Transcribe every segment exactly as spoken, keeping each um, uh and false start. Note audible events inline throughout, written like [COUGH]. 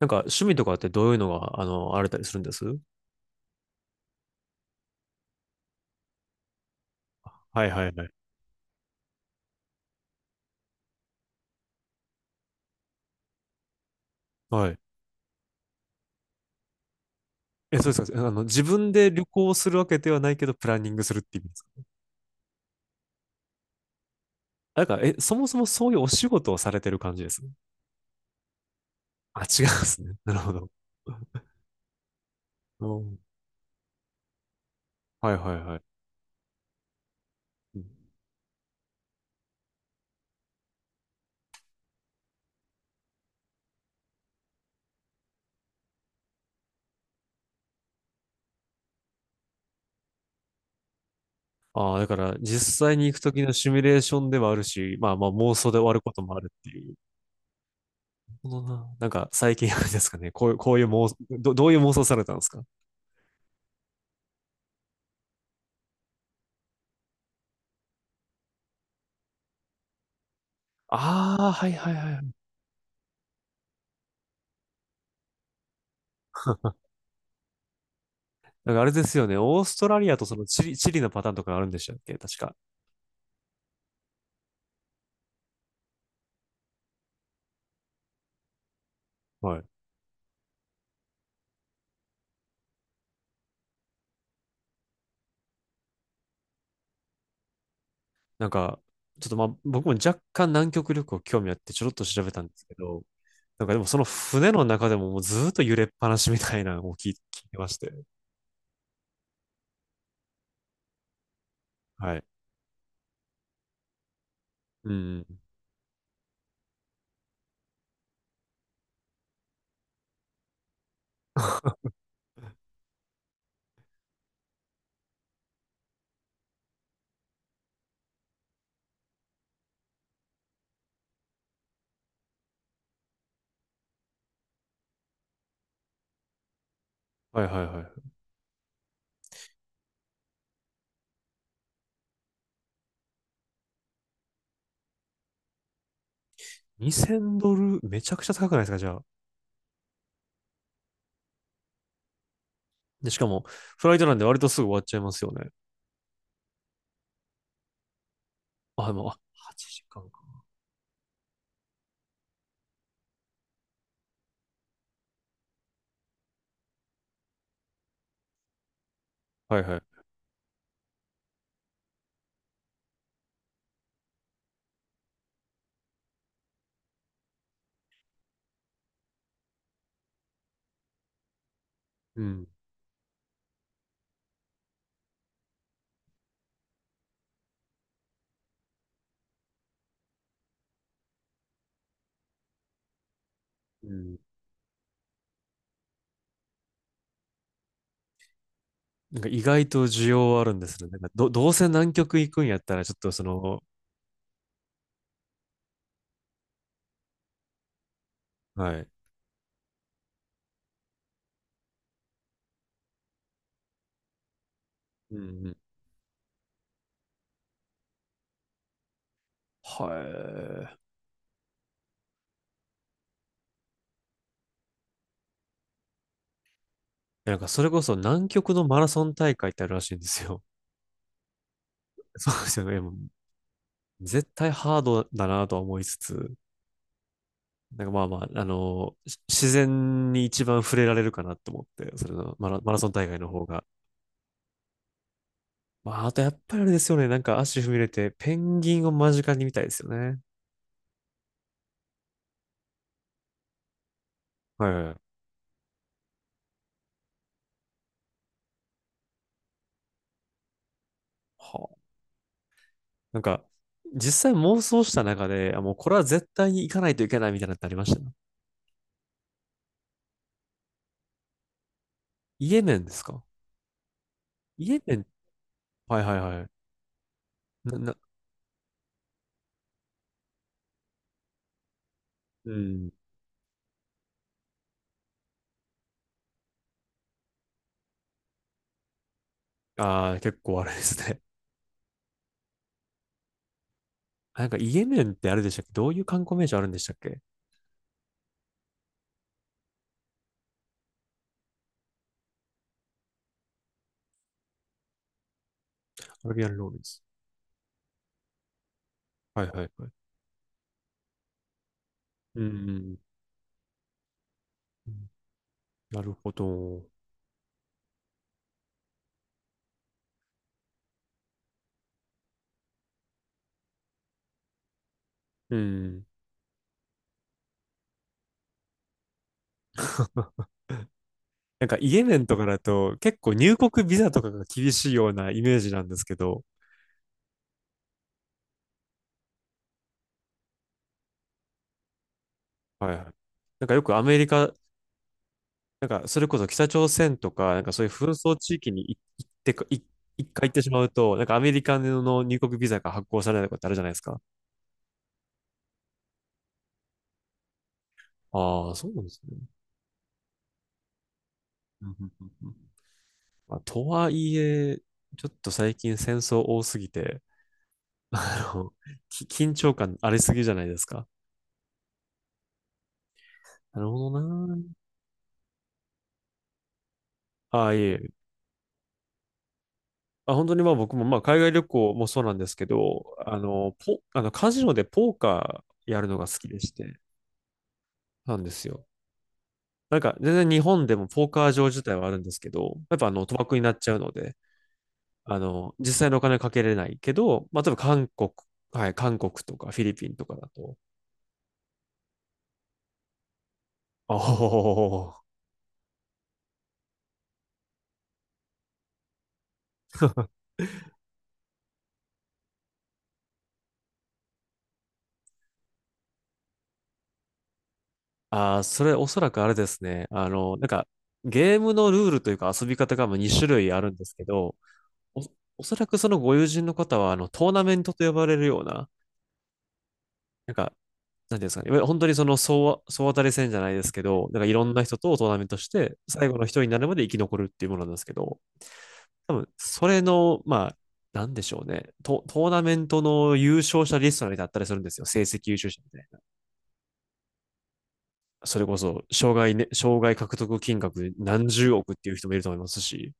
なんか趣味とかってどういうのが、あの、あれたりするんです？はいはいはい。はい。え、そうですか。あの、自分で旅行するわけではないけど、プランニングするって意味ですか？なんか、え、そもそもそういうお仕事をされてる感じです？あ、違うんですね。[LAUGHS] なるほど。[LAUGHS] うん。はいはいはい。ああー、だから実際に行くときのシミュレーションではあるし、まあまあ妄想で終わることもあるっていう。なるほどな。なんか最近あれですかね、こういう、こういう妄想、ど、どういう妄想されたんですか？ああー、はいはいはい。なんかあれですよね、オーストラリアとそのチリ、チリのパターンとかあるんでしたっけ確か。はい。なんか、ちょっとまあ、僕も若干南極旅行興味あってちょろっと調べたんですけど、なんかでもその船の中でももうずーっと揺れっぱなしみたいなのを聞い [LAUGHS] 聞いてまして。はい。うん。はいはいはい。にせんドル、めちゃくちゃ高くないですかじゃあ。で、しかも、フライトなんで割とすぐ終わっちゃいますよね。あ、でも、あ、はちじかんかんか。はいはい。うん。うん。なんか意外と需要はあるんですよね。なんかど、どうせ南極行くんやったら、ちょっとその、はい。うんうん。はい。なんかそれこそ南極のマラソン大会ってあるらしいんですよ。[LAUGHS] そうですよね。もう絶対ハードだなとは思いつつ、なんかまあまあ、あのし自然に一番触れられるかなと思って、それのマラ、マラソン大会の方が。まあ、あとやっぱりあれですよね。なんか足踏み入れて、ペンギンを間近に見たいですよね。はいはいはい。はあ。なんか、実際妄想した中で、あ、もうこれは絶対に行かないといけないみたいなのってありました？イエメンですか？イエメン。はいはいはい。な、な、うん。ああ、結構あれですね。[LAUGHS] なんか、イエメンってあれでしたっけ、どういう観光名所あるんでしたっけ？アラビアンローレンス。はいはいはい。うん。うん。なるほど。うん。[LAUGHS] なんか、イエメンとかだと、結構入国ビザとかが厳しいようなイメージなんですけど、はいはい。なんかよくアメリカ、なんか、それこそ北朝鮮とか、なんかそういう紛争地域にい行ってか、い一回行ってしまうと、なんかアメリカの入国ビザが発行されないことってあるじゃないですか。ああ、そうなんですね。うんうんうんうん。まあ、とはいえ、ちょっと最近戦争多すぎて、あの、き緊張感ありすぎじゃないですか。なるほどな。ああ、いえ。あ、本当にまあ僕もまあ海外旅行もそうなんですけど、あの、ポ、あのカジノでポーカーやるのが好きでして、なんですよ。なんか全然日本でもポーカー場自体はあるんですけど、やっぱあの賭博になっちゃうので、あの、実際のお金はかけれないけど、まあ例えば韓国、はい、韓国とかフィリピンとかだと、おおー。 [LAUGHS] ああ、それおそらくあれですね。あの、なんか、ゲームのルールというか遊び方がに種類あるんですけど、お、おそらくそのご友人の方は、あの、トーナメントと呼ばれるような、なんか、なんていうんですかね。いわゆる本当にその総、総当たり戦じゃないですけど、なんかいろんな人とトーナメントして、最後の一人になるまで生き残るっていうものなんですけど、多分、それの、まあ、なんでしょうね。ト、トーナメントの優勝者リストみたいなのだったりするんですよ。成績優勝者みたいな。それこそ、障害ね、障害獲得金額何十億っていう人もいると思いますし、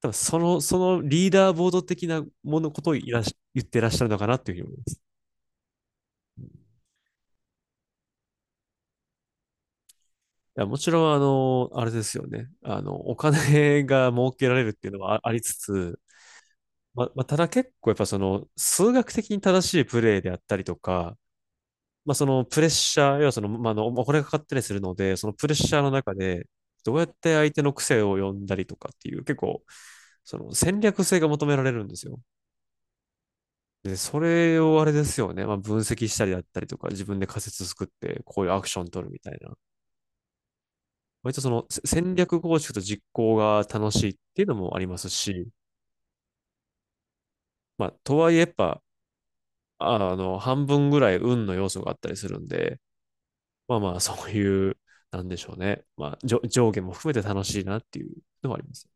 ただその、そのリーダーボード的なものことをいらし言ってらっしゃるのかなっていうふうに思います。いや、もちろん、あの、あれですよね。あの、お金が儲けられるっていうのはあありつつ、ま、まあ、ただ結構やっぱその数学的に正しいプレーであったりとか、まあ、そのプレッシャー、要はその、まあ、あの、お金がかかったりするので、そのプレッシャーの中で、どうやって相手の癖を読んだりとかっていう、結構、その戦略性が求められるんですよ。で、それをあれですよね、まあ、分析したりだったりとか、自分で仮説作って、こういうアクション取るみたいな。割とそのせ戦略構築と実行が楽しいっていうのもありますし、まあ、とはいえやっぱ、ああの、半分ぐらい運の要素があったりするんで、まあまあ、そういう、なんでしょうね。まあ、じ上下も含めて楽しいなっていうのはあります。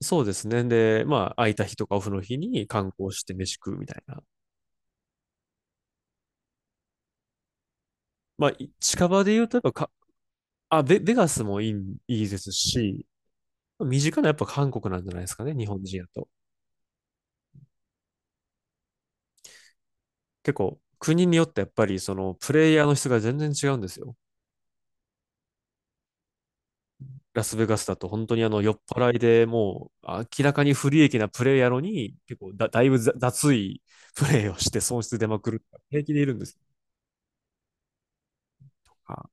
そうですね。で、まあ、空いた日とかオフの日に観光して飯食うみたいな。まあ、近場で言うと、やっぱか、あ、ベ、ベガスもいい、いいですし、身近なやっぱ韓国なんじゃないですかね、日本人やと。結構、国によってやっぱり、その、プレイヤーの質が全然違うんですよ。ラスベガスだと本当にあの酔っ払いでもう明らかに不利益なプレイやのに結構だ、だいぶざ雑いプレイをして損失出まくるって平気でいるんですよ。あ、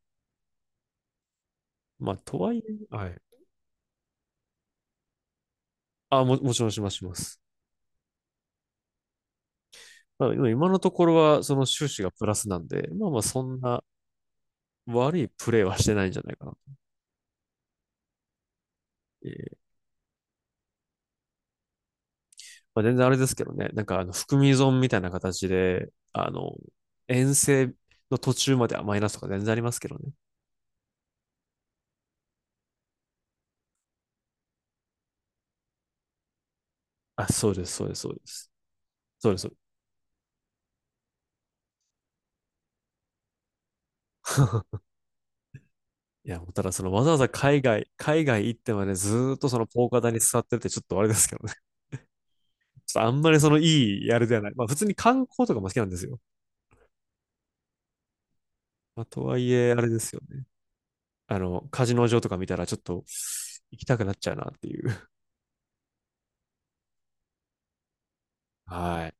まあ、とはいえ、はい。あ、も、もちろんしますします。ただでも今のところはその収支がプラスなんで、まあまあそんな悪いプレイはしてないんじゃないかな。えー、まあ、全然あれですけどね、なんかあの含み損みたいな形で、あの、遠征の途中まではマイナスとか全然ありますけどね。あ、そうです、そうです、そうです。そうです。[LAUGHS] いや、もうただそのわざわざ海外、海外行ってまでずーっとそのポーカー台に座ってるってちょっとあれですけどね。[LAUGHS] ちょっとあんまりそのいいあれではない。まあ普通に観光とかも好きなんですよ。まあとはいえあれですよね。あの、カジノ場とか見たらちょっと行きたくなっちゃうなっていう。[LAUGHS] はい。